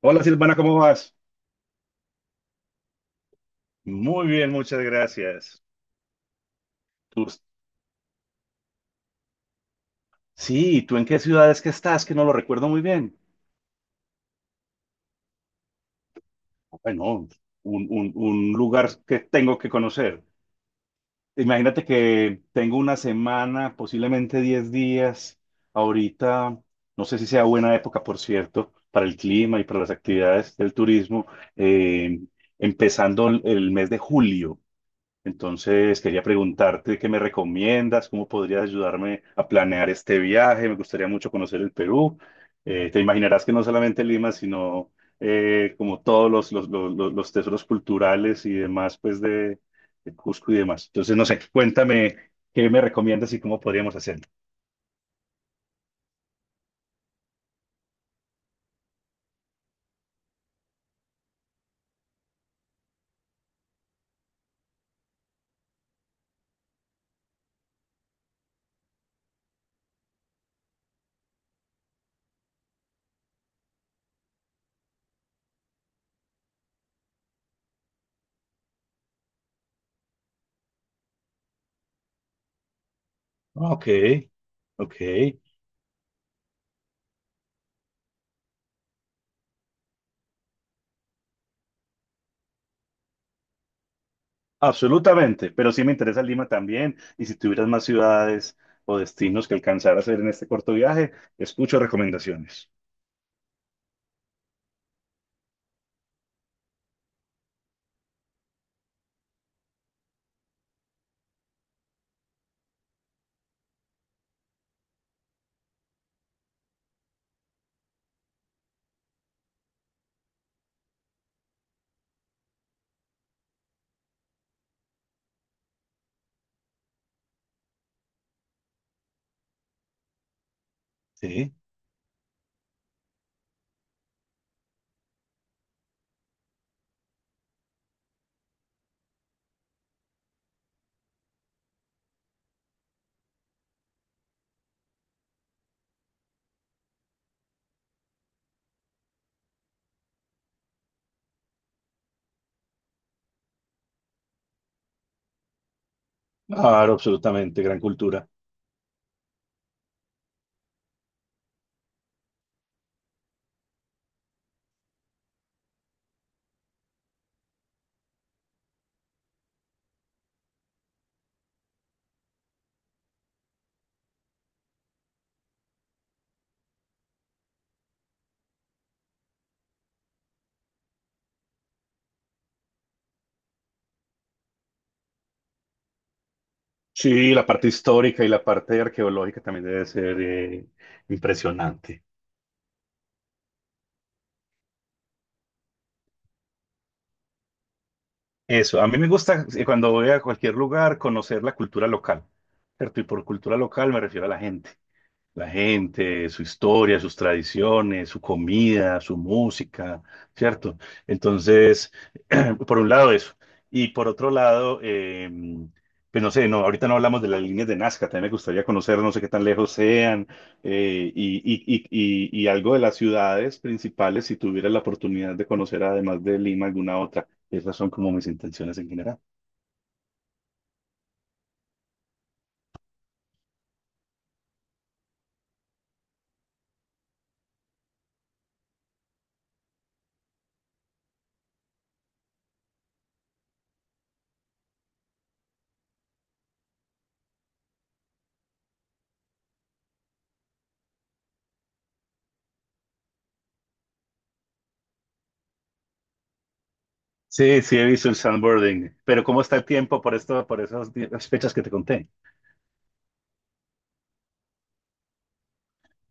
Hola Silvana, ¿cómo vas? Muy bien, muchas gracias. Tú, sí, ¿tú en qué ciudad es que estás? Que no lo recuerdo muy bien. Bueno, un lugar que tengo que conocer. Imagínate que tengo una semana, posiblemente 10 días. Ahorita, no sé si sea buena época, por cierto, para el clima y para las actividades del turismo, eh, empezando el mes de julio. Entonces, quería preguntarte qué me recomiendas, cómo podrías ayudarme a planear este viaje. Me gustaría mucho conocer el Perú. Te imaginarás que no solamente Lima, sino como todos los tesoros culturales y demás, pues de Cusco y demás. Entonces, no sé, cuéntame qué me recomiendas y cómo podríamos hacerlo. Ok, ok, absolutamente. Pero sí me interesa Lima también. Y si tuvieras más ciudades o destinos que alcanzar a hacer en este corto viaje, escucho recomendaciones. Sí, claro, absolutamente, gran cultura. Sí, la parte histórica y la parte arqueológica también debe ser impresionante. Eso, a mí me gusta, cuando voy a cualquier lugar, conocer la cultura local, ¿cierto? Y por cultura local me refiero a la gente. La gente, su historia, sus tradiciones, su comida, su música, ¿cierto? Entonces, por un lado eso. Y por otro lado, pues no sé, no, ahorita no hablamos de las líneas de Nazca, también me gustaría conocer, no sé qué tan lejos sean, eh, y, y, y, y algo de las ciudades principales, si tuviera la oportunidad de conocer, además de Lima, alguna otra. Esas son como mis intenciones en general. Sí, sí, he visto el sandboarding, pero ¿cómo está el tiempo por esto, por esas fechas que te conté?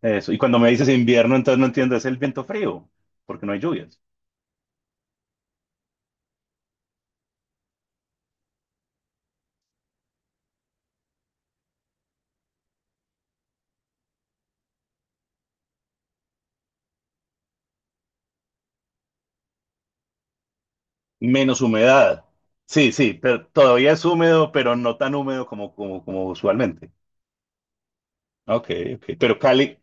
Eso. Y cuando me dices invierno, entonces no entiendo, ¿es el viento frío, porque no hay lluvias? Menos humedad. Sí, sí, pero todavía es húmedo, pero no tan húmedo como usualmente. Ok, ok. Pero Cali,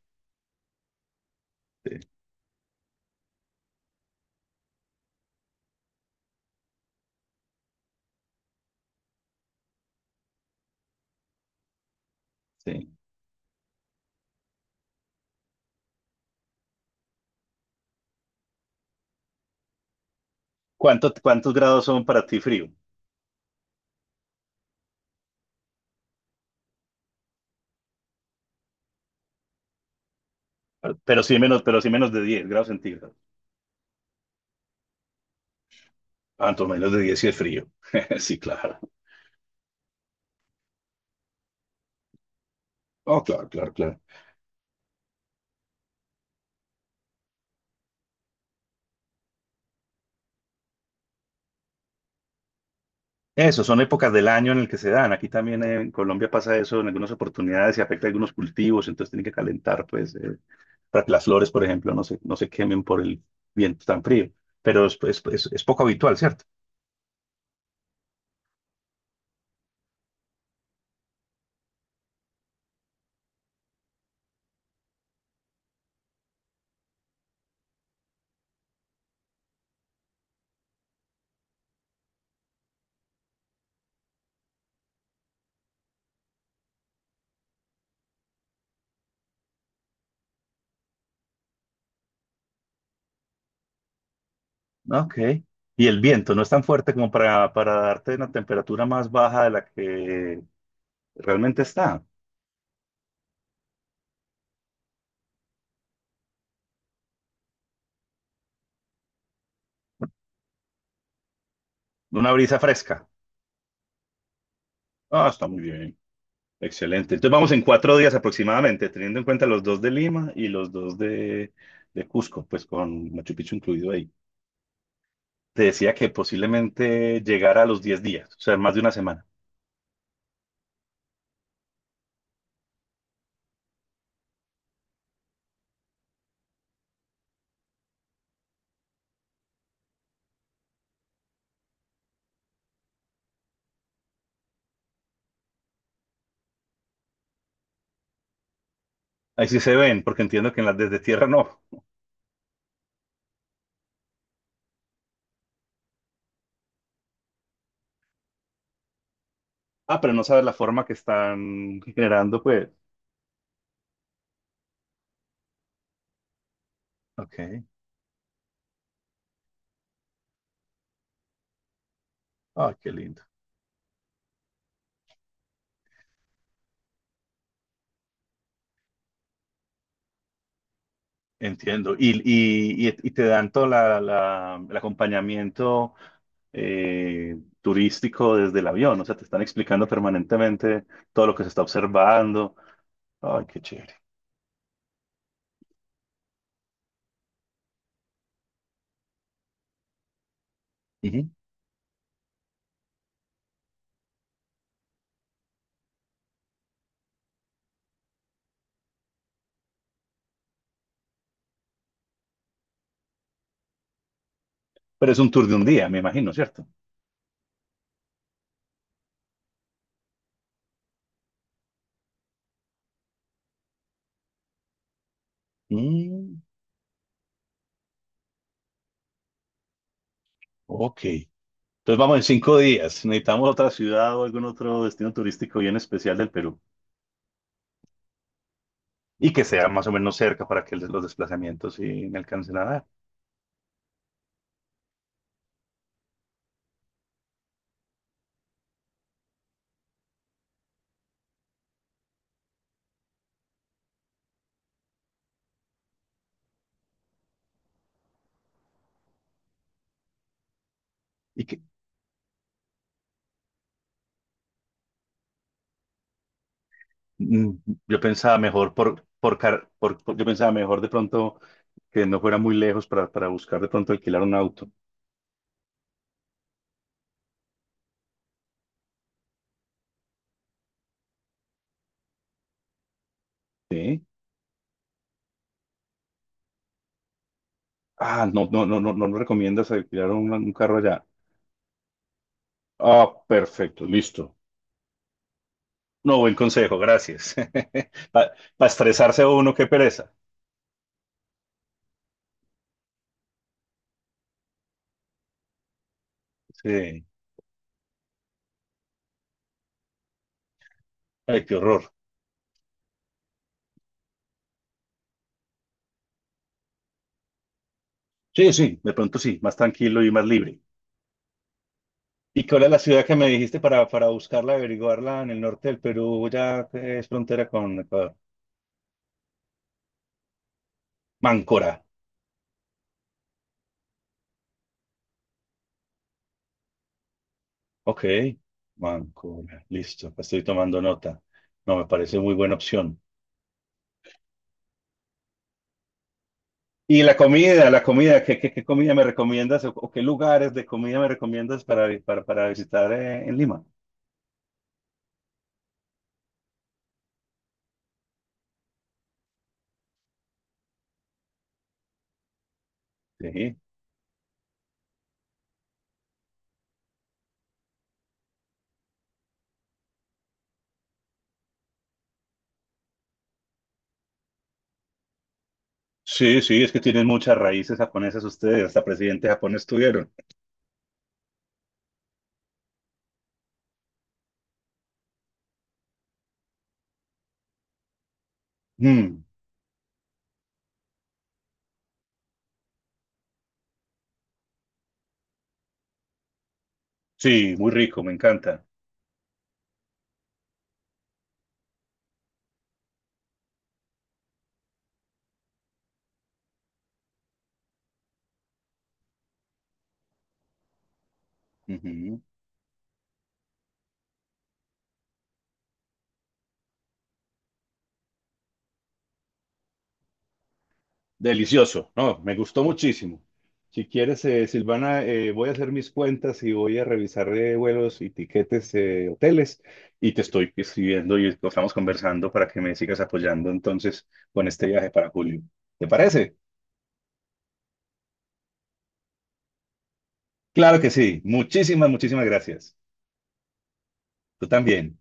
sí, sí. Cuántos grados son para ti frío? Pero sí menos de 10 grados centígrados. Tanto menos de diez sí es frío. Sí, claro. Oh, claro, claro, claro. Eso, son épocas del año en el que se dan. Aquí también, en Colombia pasa eso en algunas oportunidades, se afecta a algunos cultivos, entonces tienen que calentar, pues, para que las flores, por ejemplo, no se quemen por el viento tan frío. Pero es poco habitual, ¿cierto? Ok. Y el viento no es tan fuerte como para darte una temperatura más baja de la que realmente está. Una brisa fresca. Ah, está muy bien. Excelente. Entonces vamos en cuatro días aproximadamente, teniendo en cuenta los dos de Lima y los dos de Cusco, pues con Machu Picchu incluido ahí. Te decía que posiblemente llegara a los 10 días, o sea, más de una semana. Ahí sí se ven, porque entiendo que en las desde tierra no. Ah, pero no sabes la forma que están generando, pues. Ok. Ah, qué lindo. Entiendo. Y, y te dan todo el acompañamiento eh, turístico desde el avión. O sea, te están explicando permanentemente todo lo que se está observando. Ay, qué chévere. Ujú. Pero es un tour de un día, me imagino, ¿cierto? Mm, ok. Entonces vamos en cinco días. Necesitamos otra ciudad o algún otro destino turístico bien especial del Perú, y que sea más o menos cerca para que los desplazamientos sí me alcancen a dar. Y que mm, yo pensaba mejor por, car- por- yo pensaba mejor de pronto que no fuera muy lejos para buscar de pronto alquilar un auto. ¿Sí? Ah, no, no, no, no, no nos recomiendas alquilar un carro allá. Ah, perfecto, listo. No, buen consejo, gracias. Para estresarse uno, qué pereza. Sí, ay, qué horror. Sí, sí, de pronto sí, más tranquilo y más libre. ¿Y cuál es la ciudad que me dijiste para buscarla, averiguarla en el norte del Perú? Ya que es frontera con Ecuador. Máncora. Ok. Máncora. Listo. Pues estoy tomando nota. No, me parece muy buena opción. Y la comida, ¿qué, qué, qué comida me recomiendas o qué lugares de comida me recomiendas para, para visitar, en Lima? Sí. Sí, sí, es que tienen muchas raíces japonesas ustedes, hasta presidente japonés tuvieron. Mm, sí, muy rico, me encanta. Ujú. Delicioso, no, me gustó muchísimo. Si quieres, Silvana, voy a hacer mis cuentas y voy a revisar, vuelos y tiquetes, hoteles, y te estoy escribiendo y estamos conversando para que me sigas apoyando entonces con este viaje para julio. ¿Te parece? Claro que sí. Muchísimas, muchísimas gracias. Tú también.